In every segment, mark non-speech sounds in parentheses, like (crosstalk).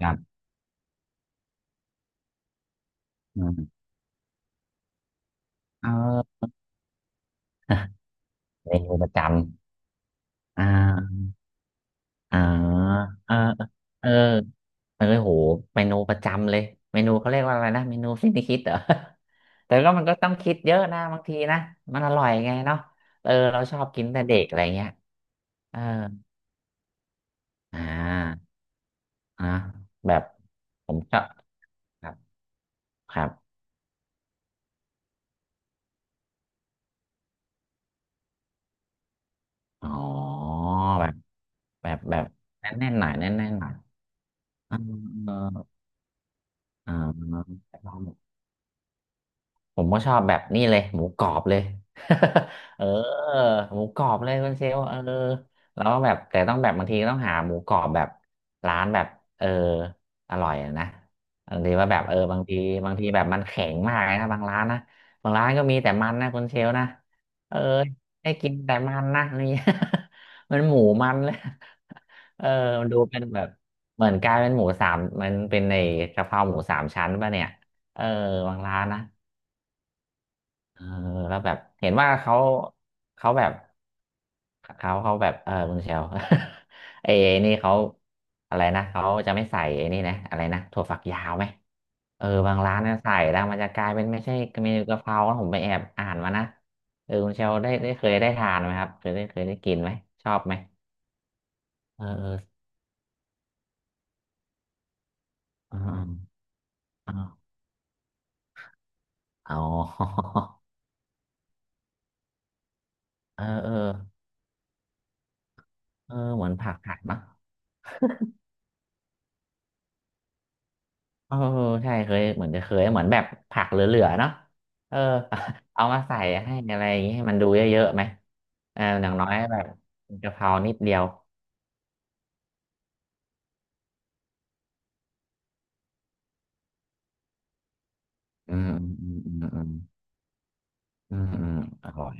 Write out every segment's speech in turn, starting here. ครับอืมเออ (laughs) เมนูประจำอ่าอ่าเออเออเออโหเมนูประจำเลยเมนูเขาเรียกว่าอะไรนะเมนูสิ้นคิดเหรอ (laughs) แต่ก็มันก็ต้องคิดเยอะนะบางทีนะมันอร่อยไงเนาะเออเราชอบกินแต่เด็กอะไรเงี้ยเอออ่าอ่ะแบบผมชอบครับครับอ๋อแบบแบบแน่นๆหน่อยแน่นๆหน่อยเออเออเออ ผมก็ชอบแบบนี้เลยหมูกรอบเลย (laughs) เออหมูกรอบเลยคุณเชลเออแล้วแบบแต่ต้องแบบบางทีก็ต้องหาหมูกรอบแบบร้านแบบเอออร่อยอะนะบางทีว่าแบบบางทีแบบมันแข็งมากเลยนะบางร้านนะบางร้านก็มีแต่มันนะคุณเชลนะเออให้กินแต่มันนะนี่ (laughs) มันหมูมันเลย (laughs) เออมันดูเป็นแบบเหมือนกลายเป็นหมูสามมันเป็นในกะเพราหมูสามชั้นป่ะเนี่ยเออบางร้านนะ เออแล้วแบบเห็นว่าเขาแบบเขาแบบเออคุณเชล (laughs) เอนี่เขาอะไรนะเขาจะไม่ใส่ไอ้นี่นะอะไรนะถั่วฝักยาวไหมเออบางร้านเนี่ยใส่แล้วมันจะกลายเป็นไม่ใช่เมนูกะเพรานะผมไปแอบอ่านมานะเออคุณเชลได้เคยได้ทานไหมครับเคยได้เคยได้กินไหมชอบไหมเออเออเอออ๋อเออเออเออเหมือนผักผัดเนอะ เออใช่เคยเหมือนจะเคยเหมือนแบบผักเหลือๆเนาะเออ (laughs) เอามาใส่ให้อะไรอย่างงี้ให้มันดูเยอะๆไหมเอออย่างน้อยแบบกะเพรานิดเดียวอืมอืมอืมอืมอืมอืมอร่อย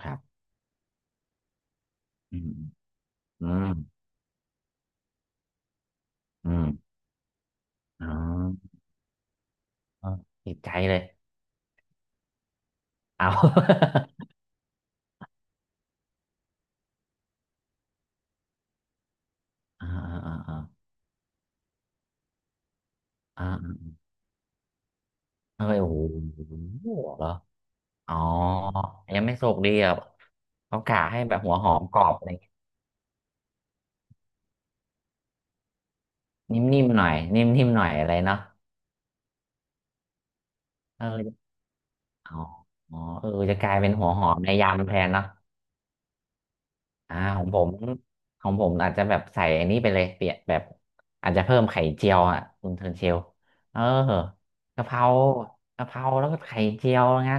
ครับอืมอืมอืมอ๋อเออติดใจเลยเอา (laughs) อ่าอ่าอ่าอ่าเออโอ้โหเหรออ๋อยังไม่สุกดีอ่ะเขากะให้แบบหัวหอมกรอบอะไรอย่างงี้นิ่มๆหน่อยนิ่มๆหน่อยอะไรเนาะเออ อ๋ออ๋อเออจะกลายเป็นหัวหอมในยำแทนเนาะอ่าของผมของผมอาจจะแบบใส่อันนี้ไปเลยเปลี่ยนแบบอาจจะเพิ่มไข่เจียวอ่ะคุณเทิร์นเชลเออกะเพรากะเพราแล้วก็ไข่เจียวนะ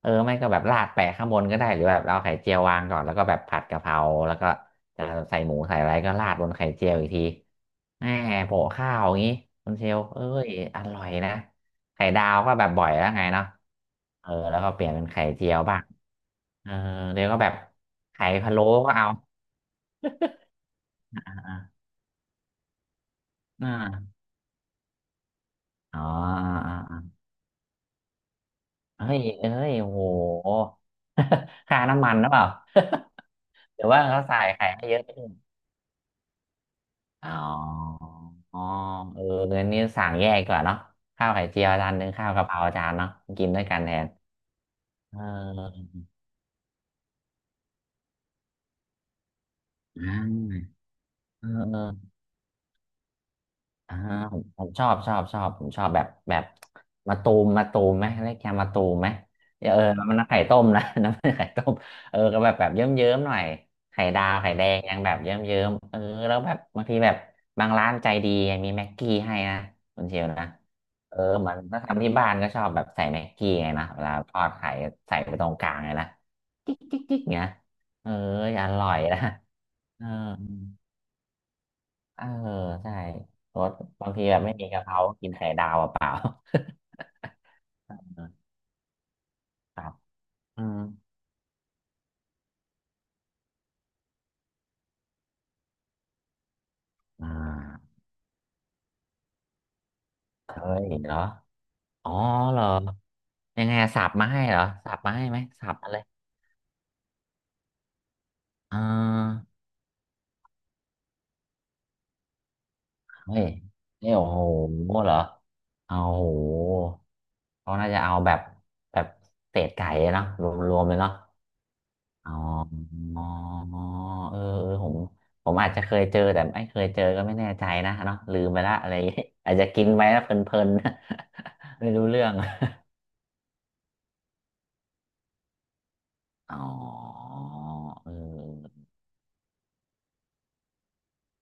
เออไม่ก็แบบราดแปะข้างบนก็ได้หรือแบบเราเอาไข่เจียววางก่อนแล้วก็แบบผัดกะเพราแล้วก็จะใส่หมูใส่อะไรก็ราดบนไข่เจียวอีกทีแหมโปะข้าวอย่างนี้คุณเชลเอ้ยอร่อยนะ ไข่ดาวก็แบบบ่อยแล้วไงเนาะเออแล้วก็เปลี่ยนเป็นไข่เจียวบ้างเออเดี๋ยวก็แบบไข่พะโล้ก็เอาอ่าอ๋ออ่าอ่าเฮ้ยเอ้ยโอ้โห (laughs) ค่าน้ำมันหรือเปล่า (laughs) หรือว่าเขาใส่ไข่ให้เยอะอ๋ออ๋อเออเงินนี้สั่งแยกดีกว่าเนาะข้าวไข่เจียวจานหนึ่งข้าวกะเพราจานเนาะกินด้วยกันแทนเอออ่าเออเออ อ่าผมชอบผมชอบแบบมาตูมมาตูมไหมเรียกแกมาตูมไหมเออมันน้ำไข่ต้มนะ (laughs) น้ำไข่ต้มเออก็แบบเยิ้มเยิ้มหน่อยไข่ดาวไข่แดงยังแบบเยิ้มเยิ้มเออแล้วแบบบางทีแบบบางร้านใจดีมีแม็กกี้ให้นะคุณเชียวนะเออเหมันถ้าทำที่บ้านก็ชอบแบบใส่แม็กกี้ไงนะเวลาทอดไข่ใส่ไปตรงกลางเลยนะจิ๊กจิ๊กจิ๊กเนี้ยเอออร่อยนะเออ เออใช่รสบางทีแบบไม่มีกะเพราก็กินไข่ดาวเปล่า (laughs) ๆครับอืมอ่าเคยเหรออ๋อเหรอยังไงอะสับมาให้เหรอสับมาให้ไหมสับมาเลยอ่าเฮ้ยนี่โอ้โหเหรอเอาโหเขาน่าจะเอาแบบแบบเศษไก่เนาะรวมๆเลยเนาะ อ๋อเออผมอาจจะเคยเจอแต่ไม่เคยเจอก็ไม่แน่ใจนะเนาะลืมไปละอะไรอย่างงี้ (laughs) อาจจะกินไปแล้วเพลินๆ (laughs) ไม่รู้เรื่องอ๋อเออ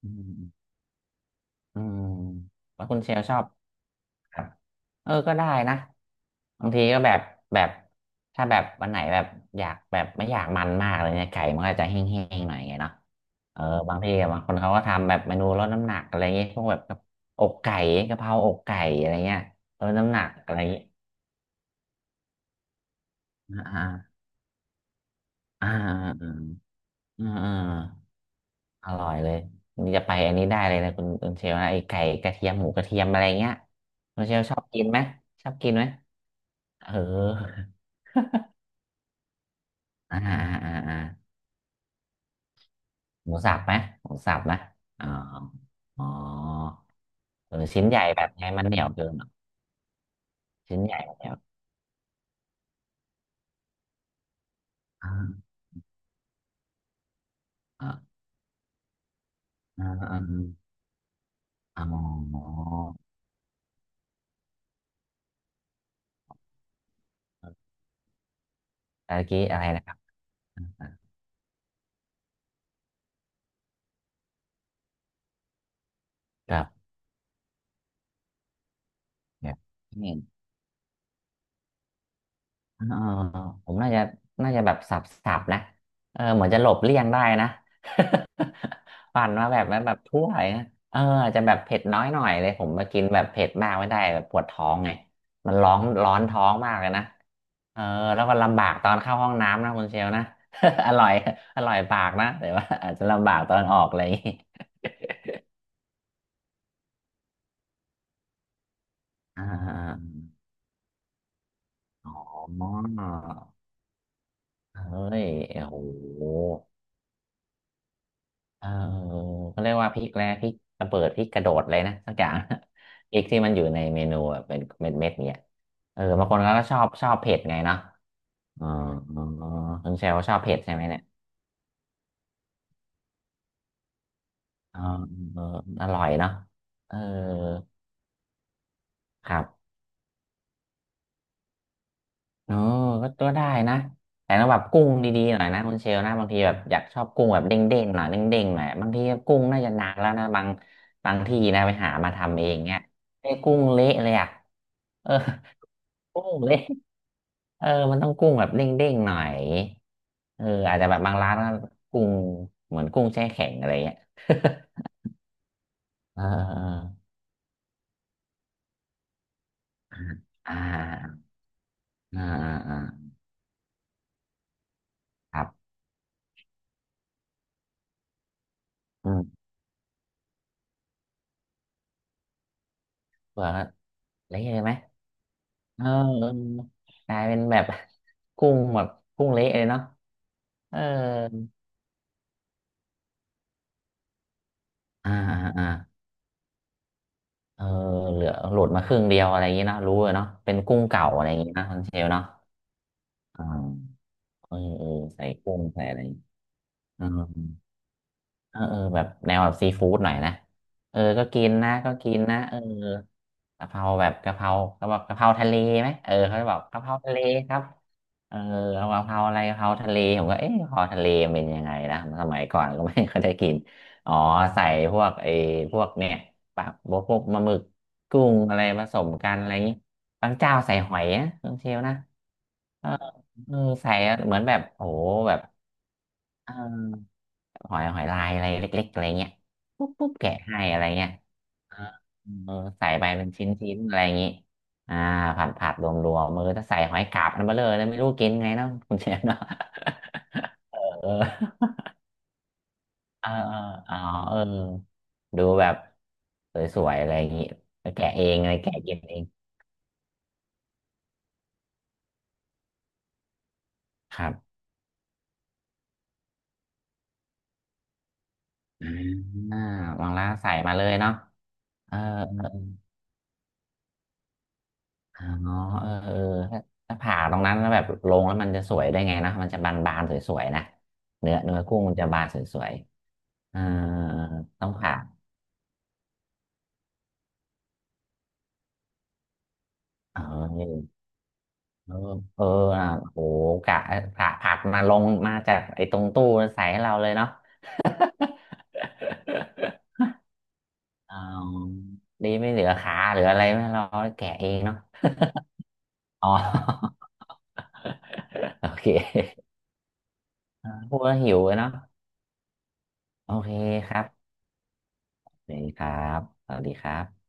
อืมอืมแล้วคุณเชลชอบ ครับเออก็ได้นะ บางทีก็แบบ แบบ ถ้าแบบวันไหนแบบอยากแบบไม่อยากมันมากเลยเนี่ยไก่มันก็จะแห้งๆหน่อยไงเนาะเออบางทีบางคนเขาก็ทำแบบเมนูลดน้ำหนักอะไรเงี้ยพวกแบบกับอกไก่กะเพราอกไก่อะไรเงี้ยลดน้ำหนักอะไรเงี้ยอ่าอ่าอ่าอ่าอ่าอร่อยเลยนี่จะไปอันนี้ได้เลยนะคุณเชลนะไอ้ไก่กระเทียมหมูกระเทียมอะไรเงี้ยคุณเชลชอบกินไหมชอบกินไหมเอออ่าอ่าอ่า หมูสับไหมหมูสับนะอ๋ออ๋อเออชิ้นใหญ่แบบไงมันเหนียวเกินเหรอชิ้นใหญ่แบบเหนียวอ่าอ่าอ่าอ่าอ๋อเมื่อกี้อะไรนะครับกับเนี่ย อ่าผมน่าจะน่าจะแบบสับนะเออเหมือนจะหลบเลี่ยงได้นะ (laughs) ปั่นมาแบบถ้วเลยนะเอออาจจะแบบเผ็ดน้อยหน่อยเลยผมมากินแบบเผ็ดมากไม่ได้แบบปวดท้องไงมันร้อนท้องมากเลยนะเออแล้วก็ลำบากตอนเข้าห้องน้ำนะคุณเชลนะ (laughs) อร่อยอร่อยปากนะแต่ว่า (laughs) อาจจะลำบากตอนออกอะไรอย่างงี้อ่าอ๋อเฮ้ยโอ้โห เออเขาเรียกว่าพริกแร้พริกระเบิดพริกกระโดดเลยนะสักอย่าง (laughs) พริกที่มันอยู่ในเมนูอะเป็นเม็ดเม็ดเนี่ยเออบางคนเขาก็ชอบเผ็ดไงเนาะอ๋อคุณเชลชอบเผ็ดใช่ไหมเนี่ยอ๋อเอออร่อยเนาะเออครับ เอ๋อก็ตัได้นะแต่ต้องแบบกุ้งดีๆหน่อยนะคุณเชลนะบางทีแบบอยากชอบกุ้งแบบเด้งๆหน่อยเด้งๆหน่อยบางทีกุ้งน่าจะหนักแล้วนะบางที่นะไปหามาทำเองเนี่ยไอ้กุ้งเละเลยอ่ะเออกุ้งเละเออมันต้องกุ้งแบบเด้งๆหน่อยเอออาจจะแบบบางร้านก็กุ้งเหมือนกุ้งแช่แข็งอะไรเงี้ย (laughs) เออเอออ่าอ่าอ่าอ่าครับอืมเผื่อเละเลยไหม เออเออกลายเป็นแบบ (laughs) กุ้งแบบกุ้งเละเลยเนาะเอออ่าอ่าอ่าเออเหลือหลุดมาครึ่งเดียวอะไรอย่างงี้เนาะรู้เลยเนาะเป็นกุ้งเก่าอะไรอย่างงี้นะคุณเชลเนาะอ่าเออเออ ใส่กุ้งใส่อะไรอย่างงี้ เออเออแบบแนวแบบซีฟู้ดหน่อยนะเออก็กินนะก็กินนะเออกะเพราแบบกะเพราเขาบบกกะเพราทะเลไหมเออเขาจะบอกกะเพราทะเลครับเออเอากะเพราอะไรกะเพราทะเลผมก็เอ๊ะกะเพราทะเลมันเป็นยังไงนะสมัยก่อนก็ไม่เคอยได้กินอ๋อใส่พวกไอ้พวกเนี่ยปลาพวกปลาหมึกกุ้งอะไรผสมกันอะไรอย่างนี้บางเจ้าใส่หอยนะบางเชลนะเออเออใส่เหมือนแบบโอ้โหแบบเออ หอยหอยลายอะไรเล็กๆอะไรเงี้ยปุ๊บปุ๊บแกะให้อะไรเงี้ยเออเออใส่ไปเป็นชิ้นๆอะไรอย่างงี้อ่าผัดผัดรวมมือถ้าใส่หอยกาบมันเบ้อเร่อเลยไม่รู้กินไงเนาะ (laughs) คุณเชฟเนาะเออ (laughs) เออเอออ๋อเออดูแบบสวยๆอะไรอย่างงี้ไปแกะเองอะไรแกะกินเองครับอ่าบางร้านใส่มาเลยเนาะเออ อ๋อเออเออถ้าถ้าผ่าตรงนั้นแล้วแบบลงแล้วมันจะสวยได้ไงนะมันจะบานๆสวยๆนะเนื้อกุ้งมันจะบานสวยๆอ่าต้องผ่าเออเออเอออ่ะโหกะผ่าผัดมาลงมาจากไอ้ตรงตู้ใส่ให้เราเลยเนาะอ๋อดีไม่เหลือขาเหลืออะไรไม่เราแกะเองเนาะอ๋อ (laughs) โอเคอ่าพูดแล้วหิวเลยเนาะโอเคครับสวัสดีครับสวัสดีครับ